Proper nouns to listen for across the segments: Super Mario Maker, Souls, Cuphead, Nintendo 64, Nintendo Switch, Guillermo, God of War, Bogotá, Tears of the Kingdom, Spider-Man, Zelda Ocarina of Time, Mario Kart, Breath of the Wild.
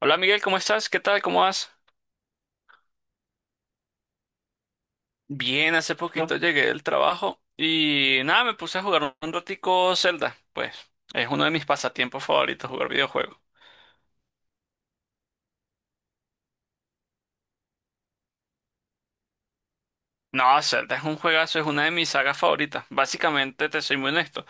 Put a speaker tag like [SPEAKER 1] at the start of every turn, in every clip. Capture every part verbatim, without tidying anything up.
[SPEAKER 1] Hola Miguel, ¿cómo estás? ¿Qué tal? ¿Cómo vas? Bien, hace poquito. No, llegué del trabajo y nada, me puse a jugar un ratico Zelda. Pues es uno de mis pasatiempos favoritos jugar videojuegos. No, Zelda es un juegazo, es una de mis sagas favoritas. Básicamente, te soy muy honesto,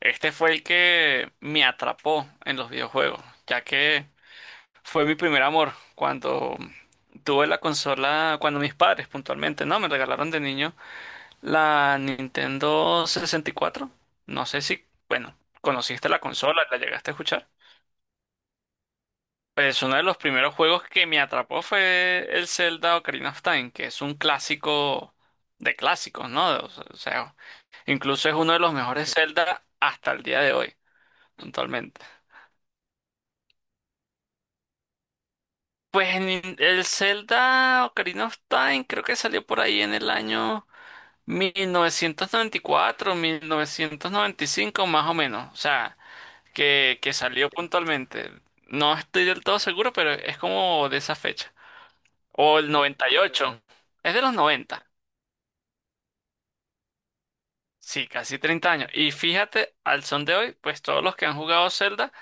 [SPEAKER 1] este fue el que me atrapó en los videojuegos, ya que fue mi primer amor cuando tuve la consola, cuando mis padres puntualmente, ¿no? Me regalaron de niño. La Nintendo sesenta y cuatro. No sé si, bueno, conociste la consola, la llegaste a escuchar. Pues uno de los primeros juegos que me atrapó fue el Zelda Ocarina of Time, que es un clásico de clásicos, ¿no? O sea, o sea, incluso es uno de los mejores Zelda hasta el día de hoy, actualmente. Pues en- el Zelda Ocarina of Time creo que salió por ahí en el año mil novecientos noventa y cuatro, mil novecientos noventa y cinco más o menos. O sea, que, que salió puntualmente. No estoy del todo seguro, pero es como de esa fecha. O el noventa y ocho. Es de los noventa. Sí, casi treinta años. Y fíjate, al son de hoy, pues todos los que han jugado Zelda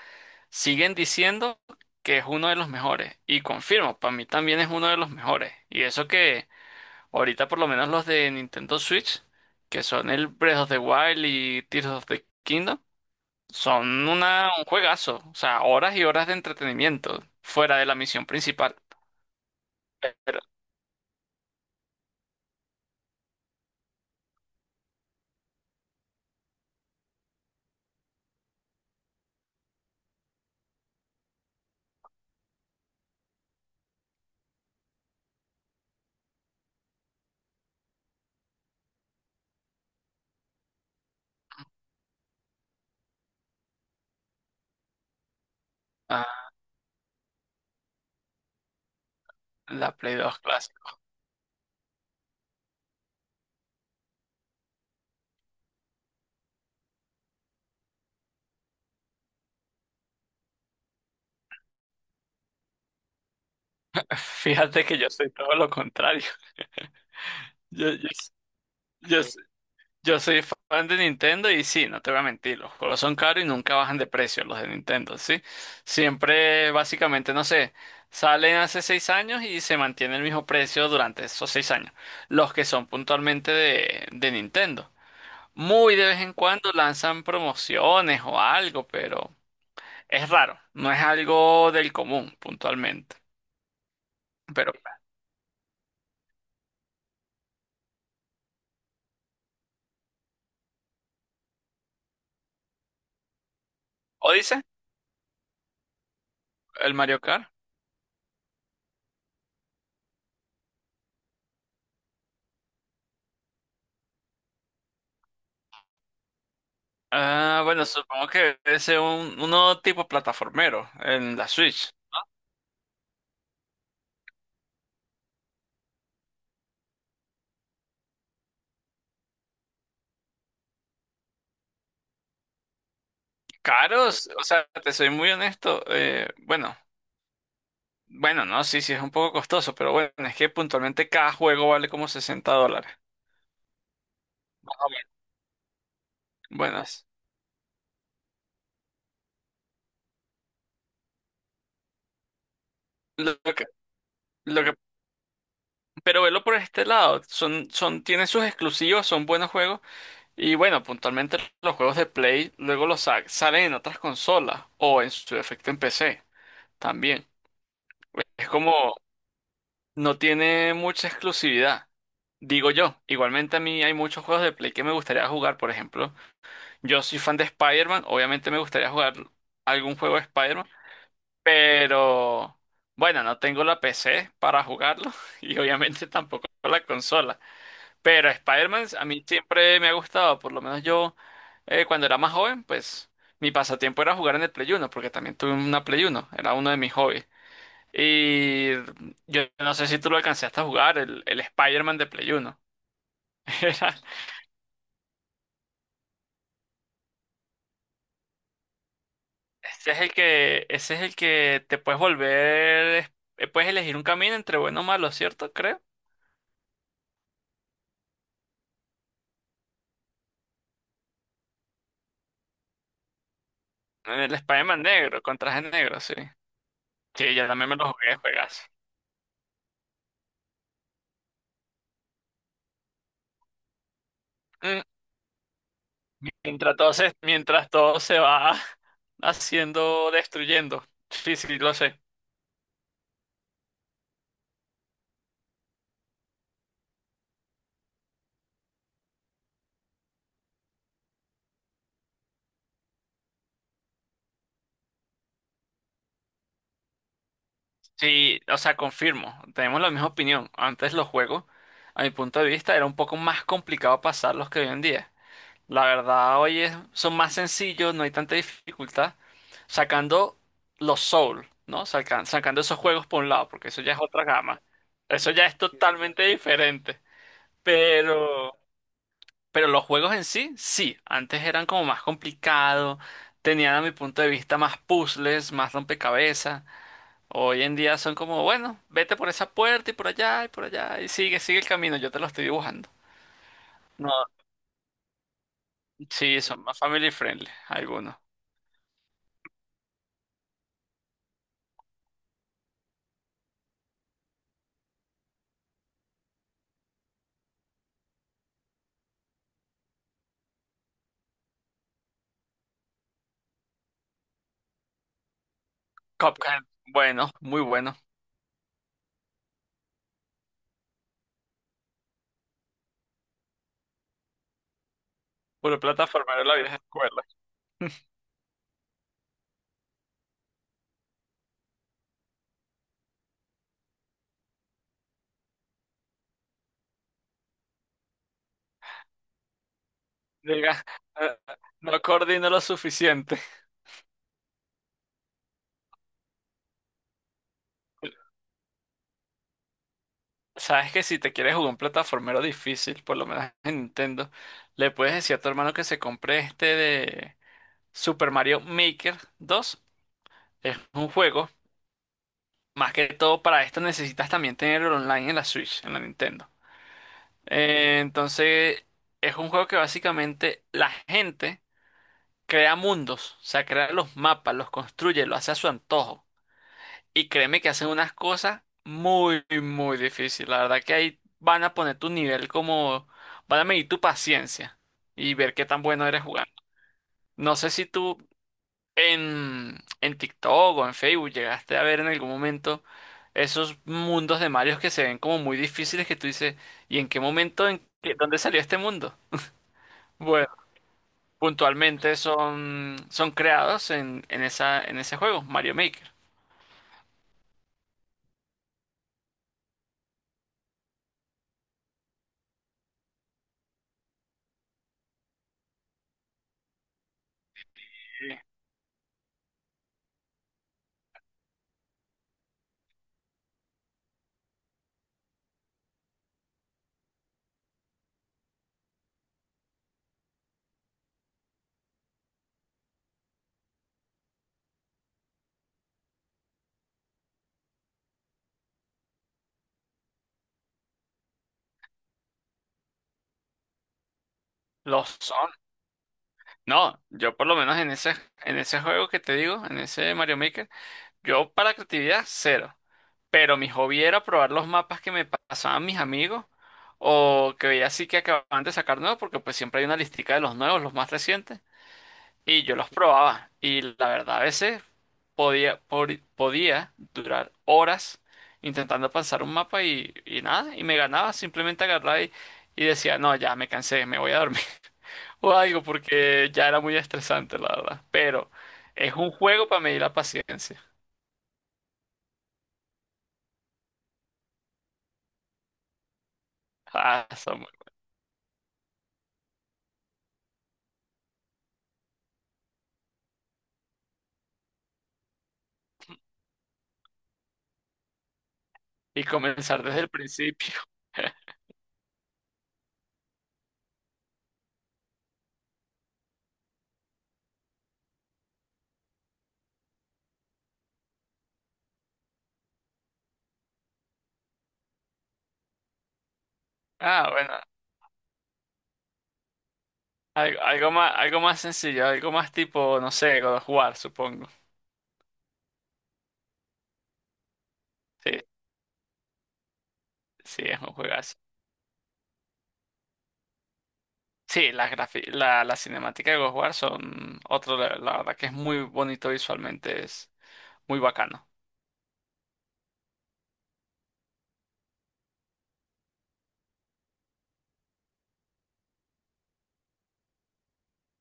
[SPEAKER 1] siguen diciendo que es uno de los mejores. Y confirmo, para mí también es uno de los mejores. Y eso que ahorita por lo menos los de Nintendo Switch, que son el Breath of the Wild y Tears of the Kingdom, Son una, un juegazo, o sea, horas y horas de entretenimiento fuera de la misión principal. Pero, ah, la Play dos clásica. Fíjate que yo soy todo lo contrario. Yo, yo, yo, yo soy fan de Nintendo y sí, no te voy a mentir, los juegos son caros y nunca bajan de precio los de Nintendo, ¿sí? Siempre, básicamente, no sé, salen hace seis años y se mantiene el mismo precio durante esos seis años, los que son puntualmente de, de Nintendo. Muy de vez en cuando lanzan promociones o algo, pero es raro, no es algo del común puntualmente. Pero, ¿o dice el Mario Kart? Ah, bueno, supongo que es un, uno tipo plataformero en la Switch. Caros, o sea, te soy muy honesto, eh, bueno, bueno, no, sí, sí, es un poco costoso, pero bueno, es que puntualmente cada juego vale como sesenta dólares. Más o menos. Buenas. Lo que, lo que, pero velo por este lado, son, son, tienen sus exclusivos, son buenos juegos. Y bueno, puntualmente los juegos de Play luego los sa- salen en otras consolas o en su defecto en P C también. Es como no tiene mucha exclusividad, digo yo. Igualmente a mí hay muchos juegos de Play que me gustaría jugar, por ejemplo. Yo soy fan de Spider-Man, obviamente me gustaría jugar algún juego de Spider-Man, pero bueno, no tengo la P C para jugarlo y obviamente tampoco la consola. Pero Spider-Man a mí siempre me ha gustado, por lo menos yo eh, cuando era más joven, pues mi pasatiempo era jugar en el Play uno, porque también tuve una Play uno, era uno de mis hobbies. Y yo no sé si tú lo alcanzaste a jugar, el, el Spider-Man de Play uno. Era- Ese es el que, ese es el que te puedes volver, eh, puedes elegir un camino entre bueno o malo, ¿cierto? Creo. El Spider-Man negro, con traje negro, sí. Sí, yo también me lo jugué, juegas. Mientras todo se, mientras todo se va haciendo, destruyendo. Sí, sí, lo sé. Sí, o sea, confirmo. Tenemos la misma opinión. Antes los juegos, a mi punto de vista, era un poco más complicado pasarlos que hoy en día. La verdad, hoy es- son más sencillos, no hay tanta dificultad. Sacando los Souls, ¿no? Sacan- sacando esos juegos por un lado, porque eso ya es otra gama. Eso ya es totalmente diferente. Pero... Pero los juegos en sí, sí, antes eran como más complicados, tenían a mi punto de vista más puzzles, más rompecabezas. Hoy en día son como, bueno, vete por esa puerta y por allá y por allá y sigue, sigue el camino, yo te lo estoy dibujando. No, sí, son más family friendly algunos. Cuphead, bueno, muy bueno. Puro plataformero de la vieja escuela. Diga, eh, no coordino lo suficiente. Sabes que si te quieres jugar un plataformero difícil, por lo menos en Nintendo, le puedes decir a tu hermano que se compre este de Super Mario Maker dos. Es un juego. Más que todo para esto necesitas también tenerlo online en la Switch, en la Nintendo. Eh, entonces, es un juego que básicamente la gente crea mundos, o sea, crea los mapas, los construye, lo hace a su antojo. Y créeme que hacen unas cosas muy, muy difíciles. La verdad que ahí van a poner tu nivel como, van a medir tu paciencia y ver qué tan bueno eres jugando. No sé si tú en, en TikTok o en Facebook llegaste a ver en algún momento esos mundos de Mario que se ven como muy difíciles que tú dices, ¿y en qué momento, en qué- dónde salió este mundo? Bueno, puntualmente son, son creados en, en esa, en ese juego, Mario Maker. Los No, yo por lo menos en ese, en ese juego que te digo, en ese Mario Maker, yo para creatividad cero. Pero mi hobby era probar los mapas que me pasaban mis amigos o que veía así que acababan de sacar nuevos, porque pues siempre hay una listica de los nuevos, los más recientes. Y yo los probaba. Y la verdad, a veces podía, por- podía durar horas intentando pasar un mapa y, y nada, y me ganaba, simplemente agarraba y, y decía, no, ya me cansé, me voy a dormir o algo porque ya era muy estresante, la verdad. Pero es un juego para medir la paciencia. Ah, Samuel. Y comenzar desde el principio. Ah, bueno, algo, algo más, algo más sencillo, algo más tipo, no sé, God of War, supongo. Sí, sí, es un juegazo. Sí, las grafi- la, la cinemática de God of War son otro, level, la verdad que es muy bonito visualmente, es muy bacano.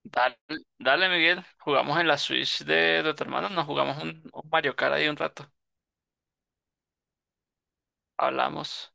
[SPEAKER 1] Dale, dale, Miguel, jugamos en la Switch de, de tu hermano, nos jugamos un, un Mario Kart ahí un rato. Hablamos.